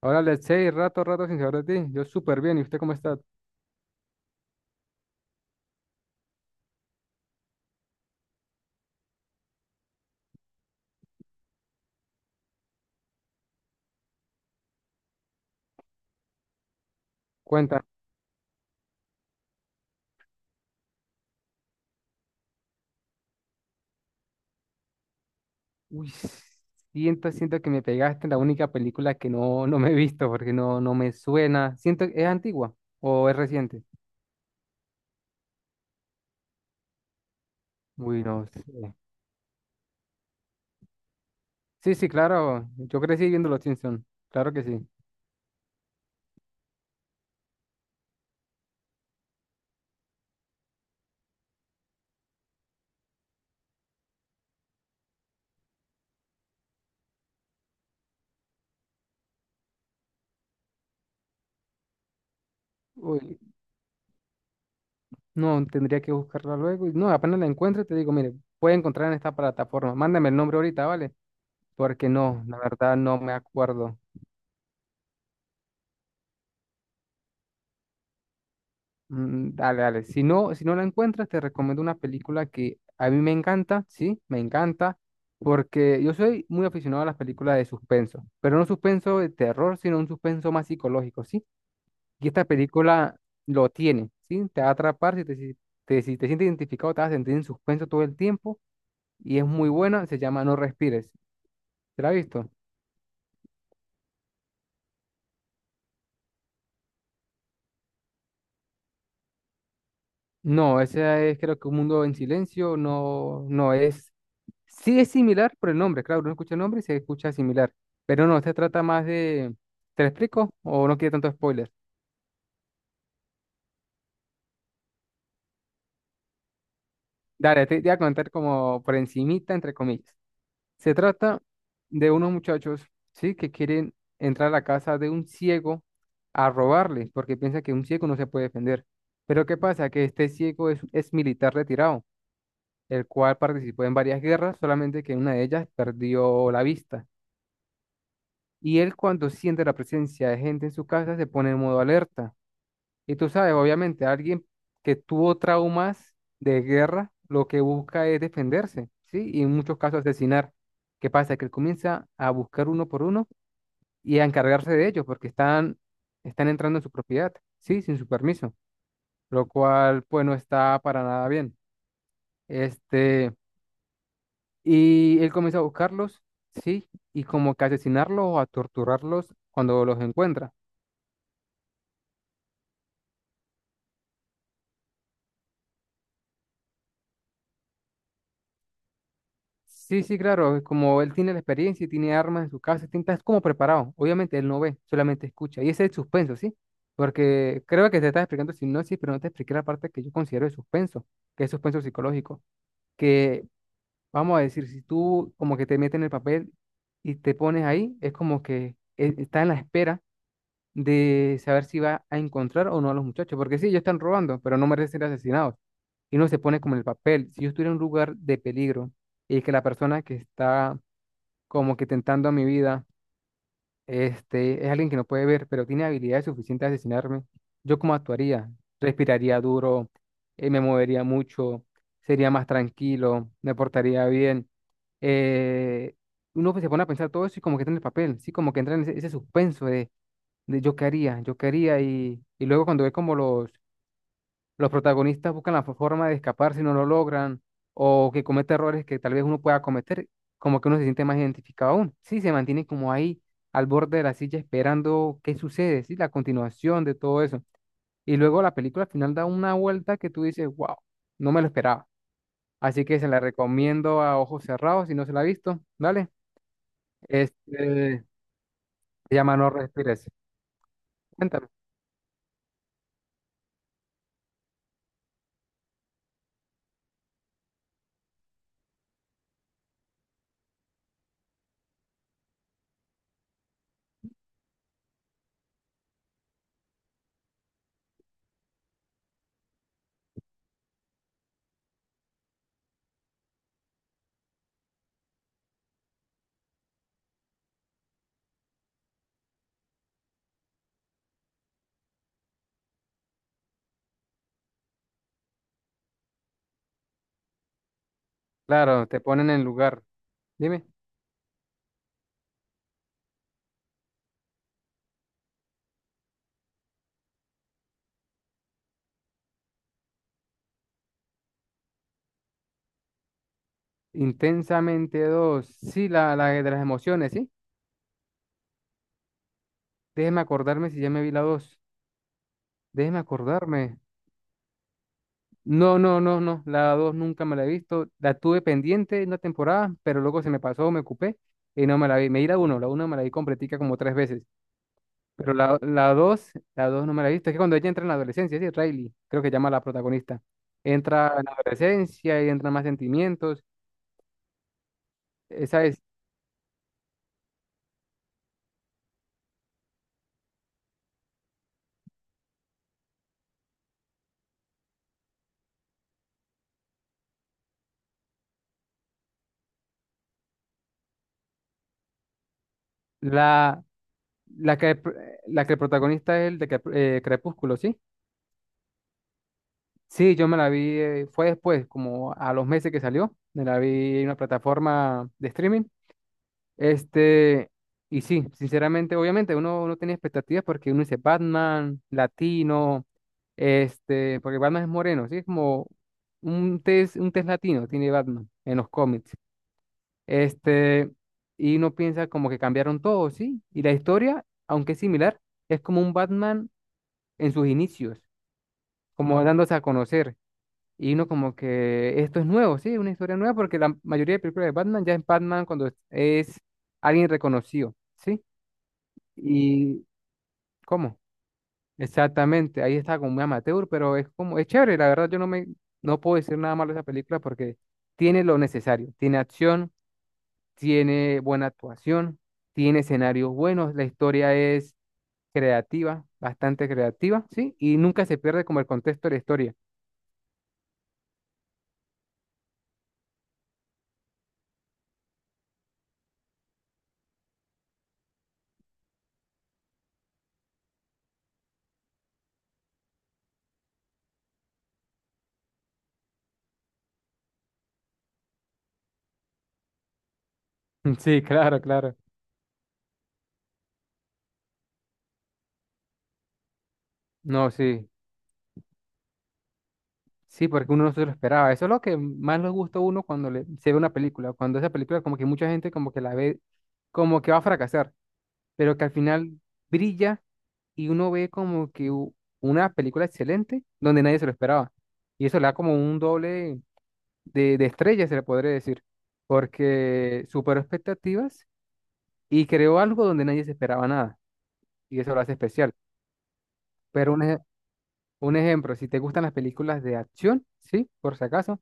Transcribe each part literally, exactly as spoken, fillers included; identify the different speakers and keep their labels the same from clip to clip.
Speaker 1: Hola, let's say, rato, rato sin saber de ti. Yo súper bien. ¿Y usted cómo está? Cuenta. Uy, siento, siento que me pegaste en la única película que no, no me he visto porque no, no me suena. Siento, ¿es antigua o es reciente? Uy, no sé. Sí, sí, claro. Yo crecí viendo Los Simpsons. Claro que sí. Uy, no, tendría que buscarla luego. y No, apenas la encuentre, te digo, mire, puede encontrar en esta plataforma. Mándame el nombre ahorita, ¿vale? Porque no, la verdad no me acuerdo. Mm, dale, dale. Si no, si no la encuentras, te recomiendo una película que a mí me encanta, sí, me encanta, porque yo soy muy aficionado a las películas de suspenso, pero no suspenso de terror, sino un suspenso más psicológico, ¿sí? Y esta película lo tiene, ¿sí? Te va a atrapar, si te, si te, si te sientes identificado, te vas a sentir en suspenso todo el tiempo y es muy buena, se llama No Respires. ¿Te la has visto? No, ese es creo que un mundo en silencio, no, no es, sí es similar por el nombre, claro, uno escucha el nombre y se escucha similar, pero no, se trata más de, ¿te lo explico? ¿O no quiere tanto spoiler? Dale, te, te voy a contar como por encimita, entre comillas. Se trata de unos muchachos, ¿sí? Que quieren entrar a la casa de un ciego a robarle, porque piensa que un ciego no se puede defender. Pero ¿qué pasa? Que este ciego es, es militar retirado, el cual participó en varias guerras, solamente que en una de ellas perdió la vista. Y él cuando siente la presencia de gente en su casa se pone en modo alerta. Y tú sabes, obviamente, alguien que tuvo traumas de guerra, lo que busca es defenderse, ¿sí? Y en muchos casos asesinar. ¿Qué pasa? Que él comienza a buscar uno por uno y a encargarse de ellos porque están, están entrando en su propiedad, ¿sí? Sin su permiso, lo cual pues no está para nada bien. Este, Y él comienza a buscarlos, sí, y como que asesinarlos o a torturarlos cuando los encuentra. Sí, sí, claro, como él tiene la experiencia y tiene armas en su casa, tinta, es como preparado. Obviamente él no ve, solamente escucha. Y ese es el suspenso, ¿sí? Porque creo que te estás explicando sinopsis, pero no te expliqué la parte que yo considero de suspenso, que es suspenso psicológico. Que, vamos a decir, si tú como que te metes en el papel y te pones ahí, es como que eh, está en la espera de saber si va a encontrar o no a los muchachos, porque sí, ellos están robando, pero no merecen ser asesinados. Y uno se pone como en el papel, si yo estuviera en un lugar de peligro y que la persona que está como que tentando a mi vida, este, es alguien que no puede ver, pero tiene habilidades suficientes de asesinarme, ¿yo cómo actuaría? Respiraría duro, eh, me movería mucho, sería más tranquilo, me portaría bien. eh, Uno pues se pone a pensar todo eso y como que entra en el papel, sí, como que entra en ese, ese suspenso de de yo qué haría, yo qué haría, y, y luego cuando ve como los, los protagonistas buscan la forma de escapar si no lo logran, o que comete errores que tal vez uno pueda cometer, como que uno se siente más identificado aún. Sí, se mantiene como ahí al borde de la silla esperando qué sucede, sí, la continuación de todo eso. Y luego la película al final da una vuelta que tú dices, wow, no me lo esperaba. Así que se la recomiendo a ojos cerrados si no se la ha visto, ¿vale? Este, Se llama No Respires. Cuéntame. Claro, te ponen en lugar. Dime. Intensamente dos. Sí, la, la de las emociones, ¿sí? Déjeme acordarme si ya me vi la dos. Déjeme acordarme. No, no, no, no. La dos nunca me la he visto. La tuve pendiente una temporada, pero luego se me pasó, me ocupé y no me la vi. Me vi la uno, la uno me la vi completica como tres veces. Pero la, la dos, la dos no me la he visto. Es que cuando ella entra en la adolescencia, sí, Riley, creo que llama a la protagonista. Entra en la adolescencia y entran más sentimientos. Esa es la, la que, la que el protagonista es el de Crep- eh, Crepúsculo, ¿sí? Sí, yo me la vi, eh, fue después, como a los meses que salió, me la vi en una plataforma de streaming. Este, y sí, sinceramente, obviamente, uno, uno tiene expectativas porque uno dice Batman, latino, este, porque Batman es moreno, sí, es como un test, un test latino tiene Batman en los cómics. Este, y uno piensa como que cambiaron todo, sí, y la historia, aunque es similar, es como un Batman en sus inicios, como dándose a conocer y uno como que esto es nuevo, sí, una historia nueva, porque la mayoría de películas de Batman ya es Batman cuando es, es alguien reconocido, ¿sí? Y ¿cómo? Exactamente, ahí está como muy amateur, pero es como, es chévere, la verdad yo no me, no puedo decir nada malo de esa película porque tiene lo necesario, tiene acción, tiene buena actuación, tiene escenarios buenos, la historia es creativa, bastante creativa, ¿sí? Y nunca se pierde como el contexto de la historia. Sí, claro, claro. No, sí. Sí, porque uno no se lo esperaba. Eso es lo que más le gusta a uno cuando le- se ve una película. Cuando esa película, como que mucha gente como que la ve, como que va a fracasar, pero que al final brilla y uno ve como que u- una película excelente donde nadie se lo esperaba. Y eso le da como un doble de, de estrella, se le podría decir, porque superó expectativas y creó algo donde nadie se esperaba nada. Y eso lo hace especial. Pero un, ej- un ejemplo, si te gustan las películas de acción, ¿sí? Por si acaso.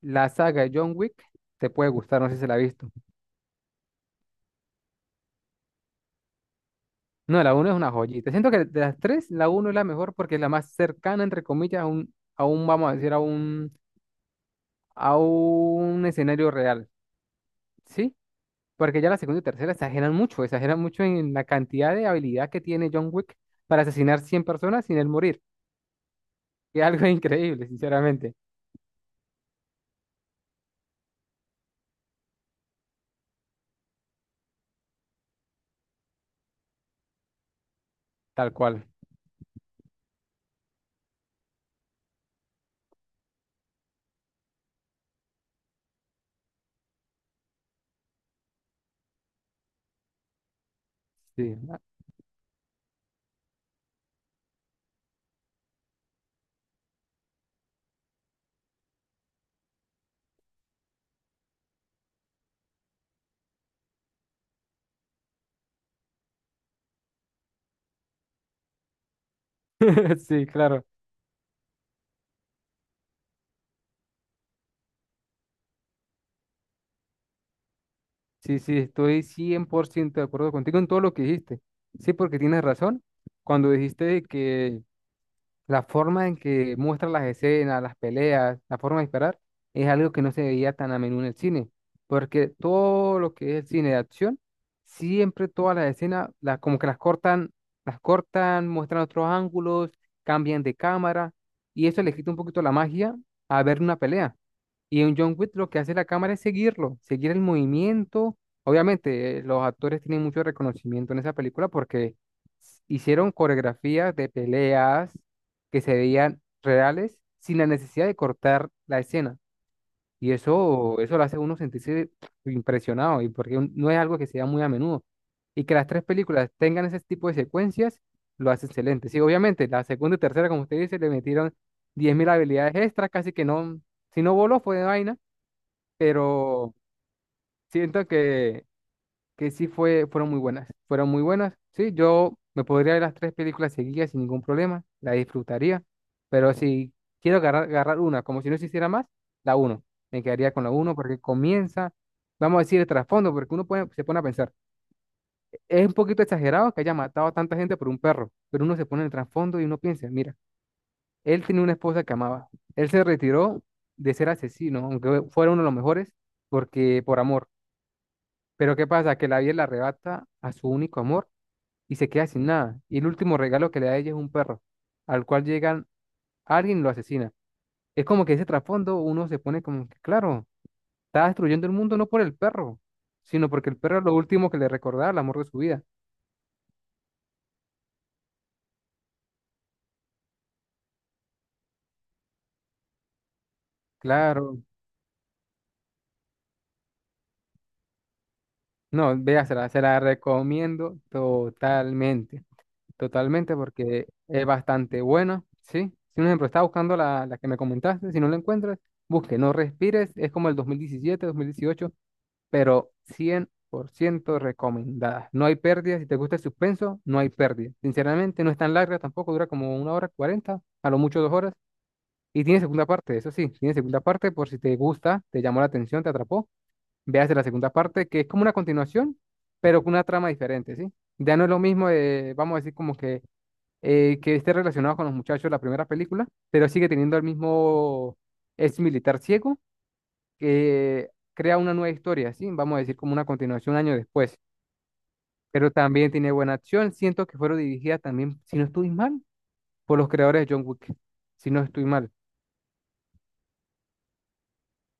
Speaker 1: La saga de John Wick te puede gustar, no sé si se la has visto. No, la uno es una joyita. Siento que de las tres, la uno es la mejor porque es la más cercana, entre comillas, a un, a un, vamos a decir, a un, a un escenario real, ¿sí? Porque ya la segunda y tercera exageran mucho, exageran mucho en la cantidad de habilidad que tiene John Wick para asesinar cien personas sin él morir. Que es algo increíble, sinceramente. Tal cual. Sí, sí, claro. Sí, sí, estoy cien por ciento de acuerdo contigo en todo lo que dijiste. Sí, porque tienes razón. Cuando dijiste que la forma en que muestra las escenas, las peleas, la forma de disparar, es algo que no se veía tan a menudo en el cine, porque todo lo que es el cine de acción, siempre todas las escenas, las, como que las cortan, las cortan, muestran otros ángulos, cambian de cámara, y eso le quita un poquito la magia a ver una pelea. Y en John Wick lo que hace la cámara es seguirlo, seguir el movimiento. Obviamente, eh, los actores tienen mucho reconocimiento en esa película porque s- hicieron coreografías de peleas, que se veían reales sin la necesidad de cortar la escena. Y eso, eso lo hace a uno sentirse impresionado, y porque un- no es algo que se da muy a menudo. Y que las tres películas tengan ese tipo de secuencias, lo hace excelente. Sí, obviamente, la segunda y tercera, como usted dice, le metieron diez mil habilidades extras, casi que no, si no voló fue de vaina, pero siento que que sí fue, fueron muy buenas, fueron muy buenas. Sí, yo me podría ver las tres películas seguidas sin ningún problema, la disfrutaría, pero si quiero agarrar, agarrar una, como si no se hiciera más, la uno, me quedaría con la uno porque comienza, vamos a decir, el trasfondo, porque uno pone- se pone a pensar, es un poquito exagerado que haya matado a tanta gente por un perro, pero uno se pone en el trasfondo y uno piensa, mira, él tenía una esposa que amaba, él se retiró de ser asesino, aunque fuera uno de los mejores, porque por amor. Pero ¿qué pasa? Que la vida le arrebata a su único amor y se queda sin nada. Y el último regalo que le da ella es un perro, al cual llegan alguien y lo asesina. Es como que ese trasfondo uno se pone como que, claro, está destruyendo el mundo no por el perro, sino porque el perro es lo último que le recordaba el amor de su vida. Claro, no, vea, se la, se la recomiendo totalmente, totalmente porque es bastante buena, ¿sí? Si un ejemplo, está buscando la, la que me comentaste, si no la encuentras, busque, no respires, es como el dos mil diecisiete, dos mil dieciocho pero cien por ciento recomendada. No hay pérdida. Si te gusta el suspenso, no hay pérdida. Sinceramente, no es tan larga tampoco, dura como una hora cuarenta, a lo mucho dos horas. Y tiene segunda parte, eso sí, tiene segunda parte por si te gusta, te llamó la atención, te atrapó. Veas la segunda parte, que es como una continuación, pero con una trama diferente, ¿sí? Ya no es lo mismo, de, vamos a decir, como que, eh, que esté relacionado con los muchachos de la primera película, pero sigue teniendo el mismo ex militar ciego que crea una nueva historia, ¿sí? Vamos a decir como una continuación un año después, pero también tiene buena acción. Siento que fueron dirigidas también, si no estoy mal, por los creadores de John Wick, si no estoy mal.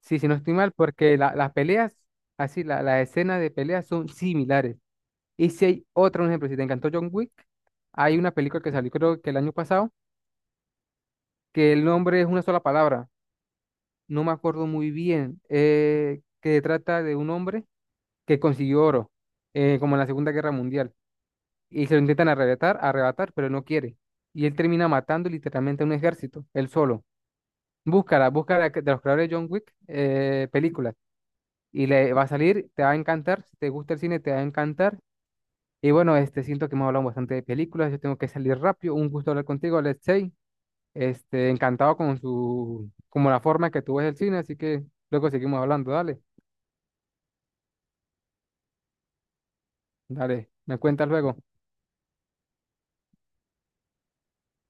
Speaker 1: Sí, si no estoy mal, porque la- las peleas, así, la- las escenas de peleas son similares. Y si hay otro, un ejemplo, si te encantó John Wick, hay una película que salió creo que el año pasado, que el nombre es una sola palabra, no me acuerdo muy bien, eh, que trata de un hombre que consiguió oro, eh, como en la Segunda Guerra Mundial. Y se lo intentan arrebatar, arrebatar, pero él no quiere. Y él termina matando literalmente a un ejército, él solo. Búscala, búscala que- de los creadores de John Wick, eh, películas. Y le va a salir, te va a encantar. Si te gusta el cine, te va a encantar. Y bueno, este, siento que hemos hablado bastante de películas. Yo tengo que salir rápido. Un gusto hablar contigo, Alexei. Este, encantado con su, como la forma que tú ves el cine. Así que luego seguimos hablando. Dale, dale. Me cuentas luego.